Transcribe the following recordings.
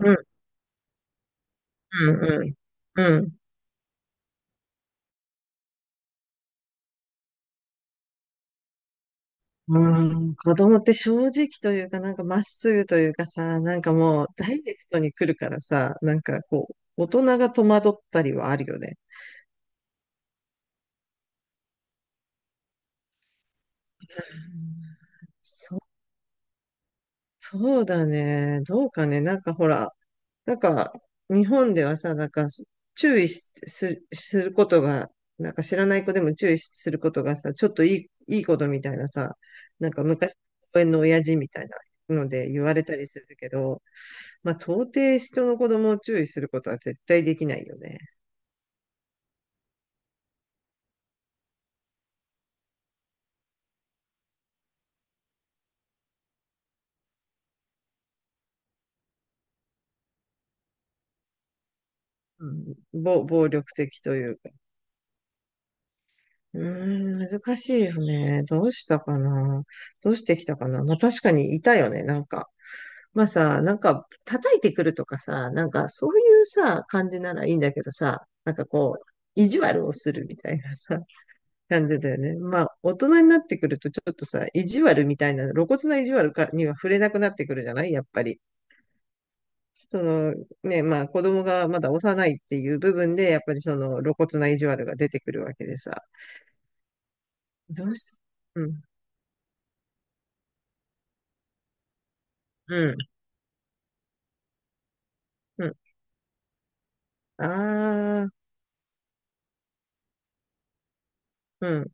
うん、うん、うん。うん子供って正直というか、なんかまっすぐというかさ、なんかもうダイレクトに来るからさ、なんかこう、大人が戸惑ったりはあるよね。そ、そうだね。どうかね。なんかほら、なんか日本ではさ、なんか注意し、す、することが、なんか知らない子でも注意することがさ、ちょっといいことみたいなさ、なんか昔、公園の親父みたいなので言われたりするけど、まあ、到底人の子供を注意することは絶対できないよね。う暴力的というか。うーん、難しいよね。どうしたかな。どうしてきたかな。まあ、確かにいたよね、なんか。まあさ、なんか、叩いてくるとかさ、なんか、そういうさ、感じならいいんだけどさ、なんかこう、意地悪をするみたいなさ、感じだよね。まあ、大人になってくると、ちょっとさ、意地悪みたいな、露骨な意地悪かには触れなくなってくるじゃないやっぱり。そのね、まあ子供がまだ幼いっていう部分で、やっぱりその露骨な意地悪が出てくるわけでさ。どうし、うん、うん、うん。ああ、うん。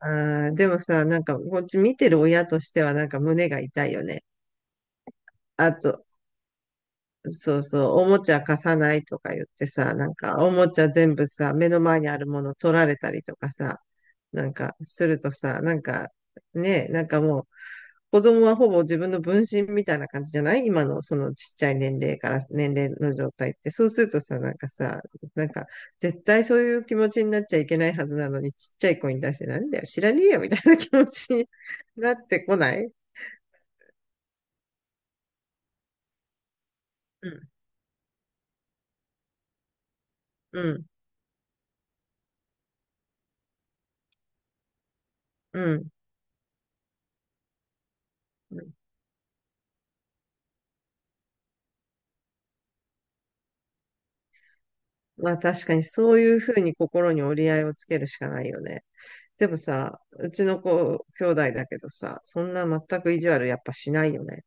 ああ、でもさ、なんかこっち見てる親としてはなんか胸が痛いよね。あと、そうそう、おもちゃ貸さないとか言ってさ、なんかおもちゃ全部さ、目の前にあるもの取られたりとかさ、なんかするとさ、なんかね、なんかもう、子供はほぼ自分の分身みたいな感じじゃない今のそのちっちゃい年齢から年齢の状態って。そうするとさ、なんかさ、なんか絶対そういう気持ちになっちゃいけないはずなのに、ちっちゃい子に対してなんだよ、知らねえよみたいな気持ちになってこない。うん、うん、うん。うんまあ確かにそういうふうに心に折り合いをつけるしかないよね。でもさ、うちの子、兄弟だけどさ、そんな全く意地悪やっぱしないよね。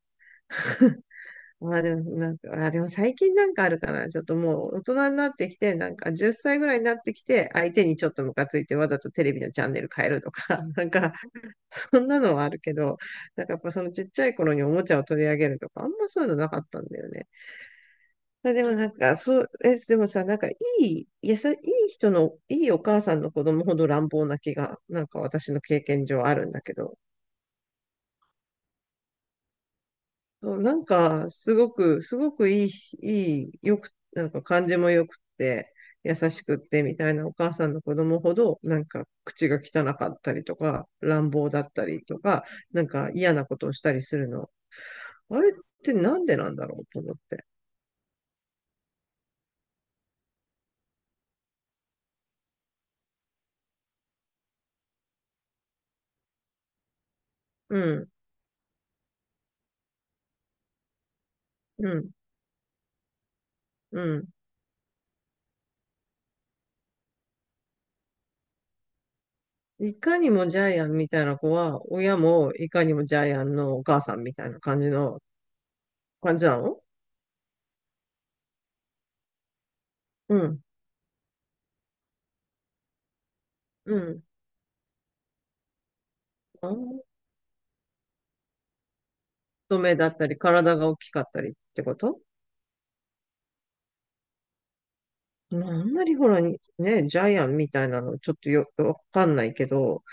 まあでも、なんか、あ、でも最近なんかあるかな。ちょっともう大人になってきて、なんか10歳ぐらいになってきて、相手にちょっとムカついてわざとテレビのチャンネル変えるとか、なんか、そんなのはあるけど、なんかやっぱそのちっちゃい頃におもちゃを取り上げるとか、あんまそういうのなかったんだよね。まあでもなんか、そう、え、でもさ、なんかいい、やさ、いい人の、いいお母さんの子供ほど乱暴な気が、なんか私の経験上あるんだけど、そう、なんか、すごく、すごくいい、いい、よく、なんか感じもよくって、優しくってみたいなお母さんの子供ほど、なんか口が汚かったりとか、乱暴だったりとか、なんか嫌なことをしたりするの。あれってなんでなんだろうと思って。うん、うん、うん。いかにもジャイアンみたいな子は、親もいかにもジャイアンのお母さんみたいな感じの、感じなの？うん、うん。あ、太めだったり、体が大きかったりってこと？まあ、あんまりほら、ね、ジャイアンみたいなの、ちょっとよ、わかんないけど、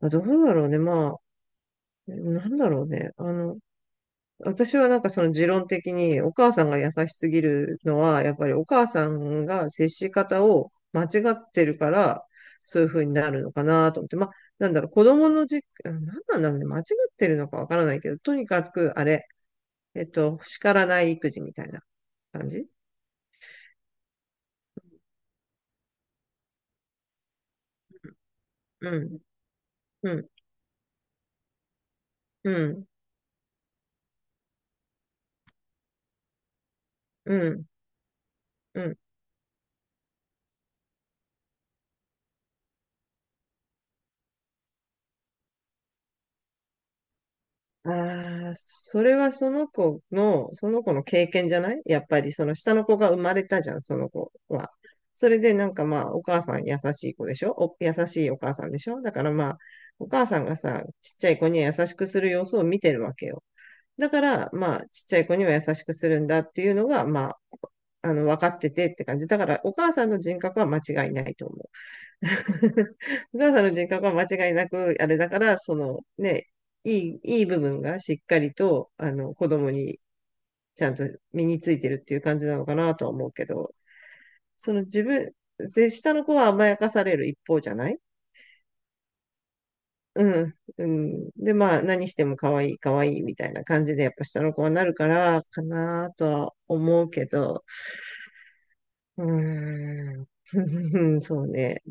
まあ、どうだろうね。まあ、なんだろうね。あの、私はなんかその持論的に、お母さんが優しすぎるのは、やっぱりお母さんが接し方を間違ってるから、そういう風になるのかなと思って。まあ、なんだろう、子供のじ、なんなんだろうね。間違ってるのかわからないけど、とにかく、あれ、えっと、叱らない育児みたいな感じ。うん、うん、うん、うん、うん。ああ、それはその子の経験じゃないやっぱりその下の子が生まれたじゃん、その子は。それでなんかまあ、お母さん優しい子でしょお、優しいお母さんでしょだからまあ、お母さんがさ、ちっちゃい子には優しくする様子を見てるわけよ。だからまあ、ちっちゃい子には優しくするんだっていうのがまあ、あの、分かっててって感じ。だからお母さんの人格は間違いないと思う。お母さんの人格は間違いなく、あれだから、そのね、いい部分がしっかりと、あの、子供にちゃんと身についてるっていう感じなのかなとは思うけど、その自分、で、下の子は甘やかされる一方じゃない。うん。で、まあ、何しても可愛いみたいな感じで、やっぱ下の子はなるから、かなとは思うけど、うーん、そうね。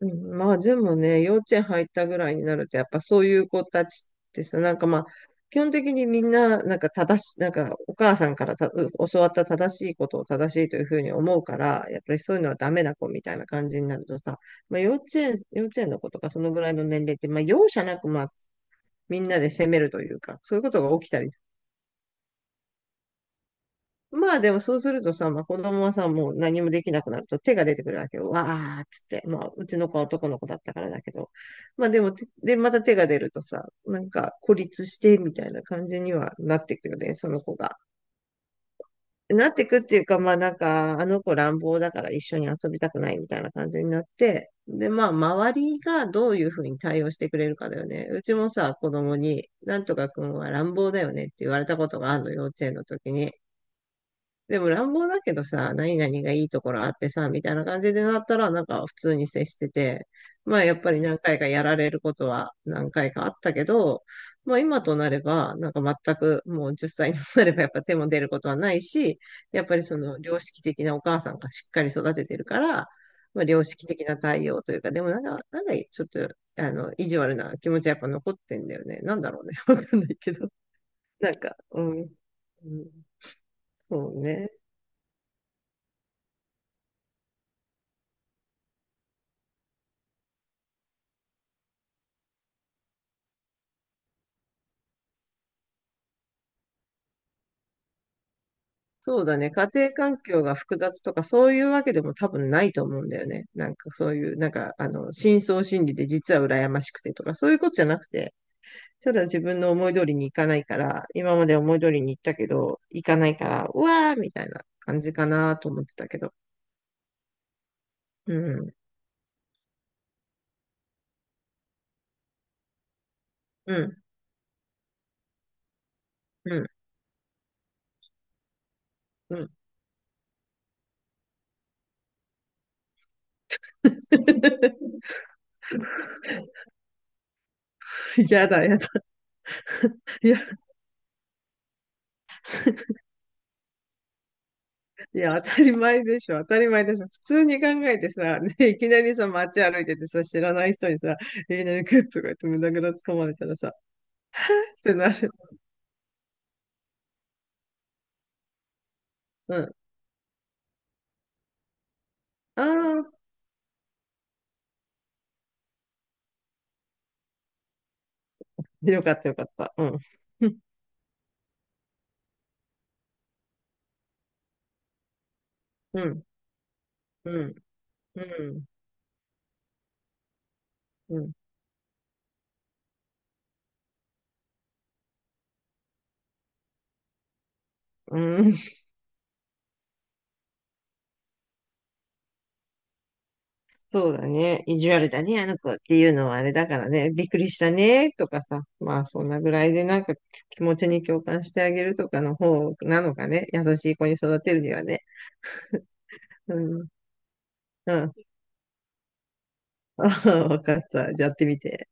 うん、まあでもね、幼稚園入ったぐらいになると、やっぱそういう子たちってさ、なんかまあ、基本的にみんな、なんか正し、なんかお母さんからたう教わった正しいことを正しいというふうに思うから、やっぱりそういうのはダメな子みたいな感じになるとさ、まあ幼稚園の子とかそのぐらいの年齢って、まあ容赦なくまあみんなで責めるというか、そういうことが起きたり。まあでもそうするとさ、まあ子供はさ、もう何もできなくなると手が出てくるわけよ。わーっつって。まあうちの子は男の子だったからだけど。まあでもて、で、また手が出るとさ、なんか孤立してみたいな感じにはなっていくよね、その子が。なっていくっていうか、まあなんか、あの子乱暴だから一緒に遊びたくないみたいな感じになって。で、まあ周りがどういうふうに対応してくれるかだよね。うちもさ、子供に、なんとかくんは乱暴だよねって言われたことがあるの、幼稚園の時に。でも乱暴だけどさ、何々がいいところあってさ、みたいな感じでなったら、なんか普通に接してて、まあやっぱり何回かやられることは何回かあったけど、まあ今となれば、なんか全くもう10歳にもなればやっぱ手も出ることはないし、やっぱりその良識的なお母さんがしっかり育ててるから、まあ良識的な対応というか、でもなんか、なんかちょっと、あの、意地悪な気持ちはやっぱ残ってんだよね。なんだろうね。わかんないけど。なんか、うん。うん、そうね。そうだね。家庭環境が複雑とかそういうわけでも多分ないと思うんだよね。なんかそういう、なんかあの、深層心理で実は羨ましくてとかそういうことじゃなくて、ただ自分の思い通りにいかないから、今まで思い通りに行ったけど、行かないから、うわーみたいな感じかなと思ってたけど。うん、うん、うん、うん。やだ、やだ。やいや、当たり前でしょ。普通に考えてさ、ね、いきなりさ、街歩いててさ、知らない人にさ、いきなりグッとか言って胸ぐらつかまれたらさ、ってなる。うん。ああ、よかった。うん。うん、うん、うん、うん、うん。そうだね。意地悪だね、あの子っていうのはあれだからね。びっくりしたね、とかさ。まあ、そんなぐらいでなんか気持ちに共感してあげるとかの方なのかね。優しい子に育てるにはね。うん、うん。わかった。じゃあやってみて。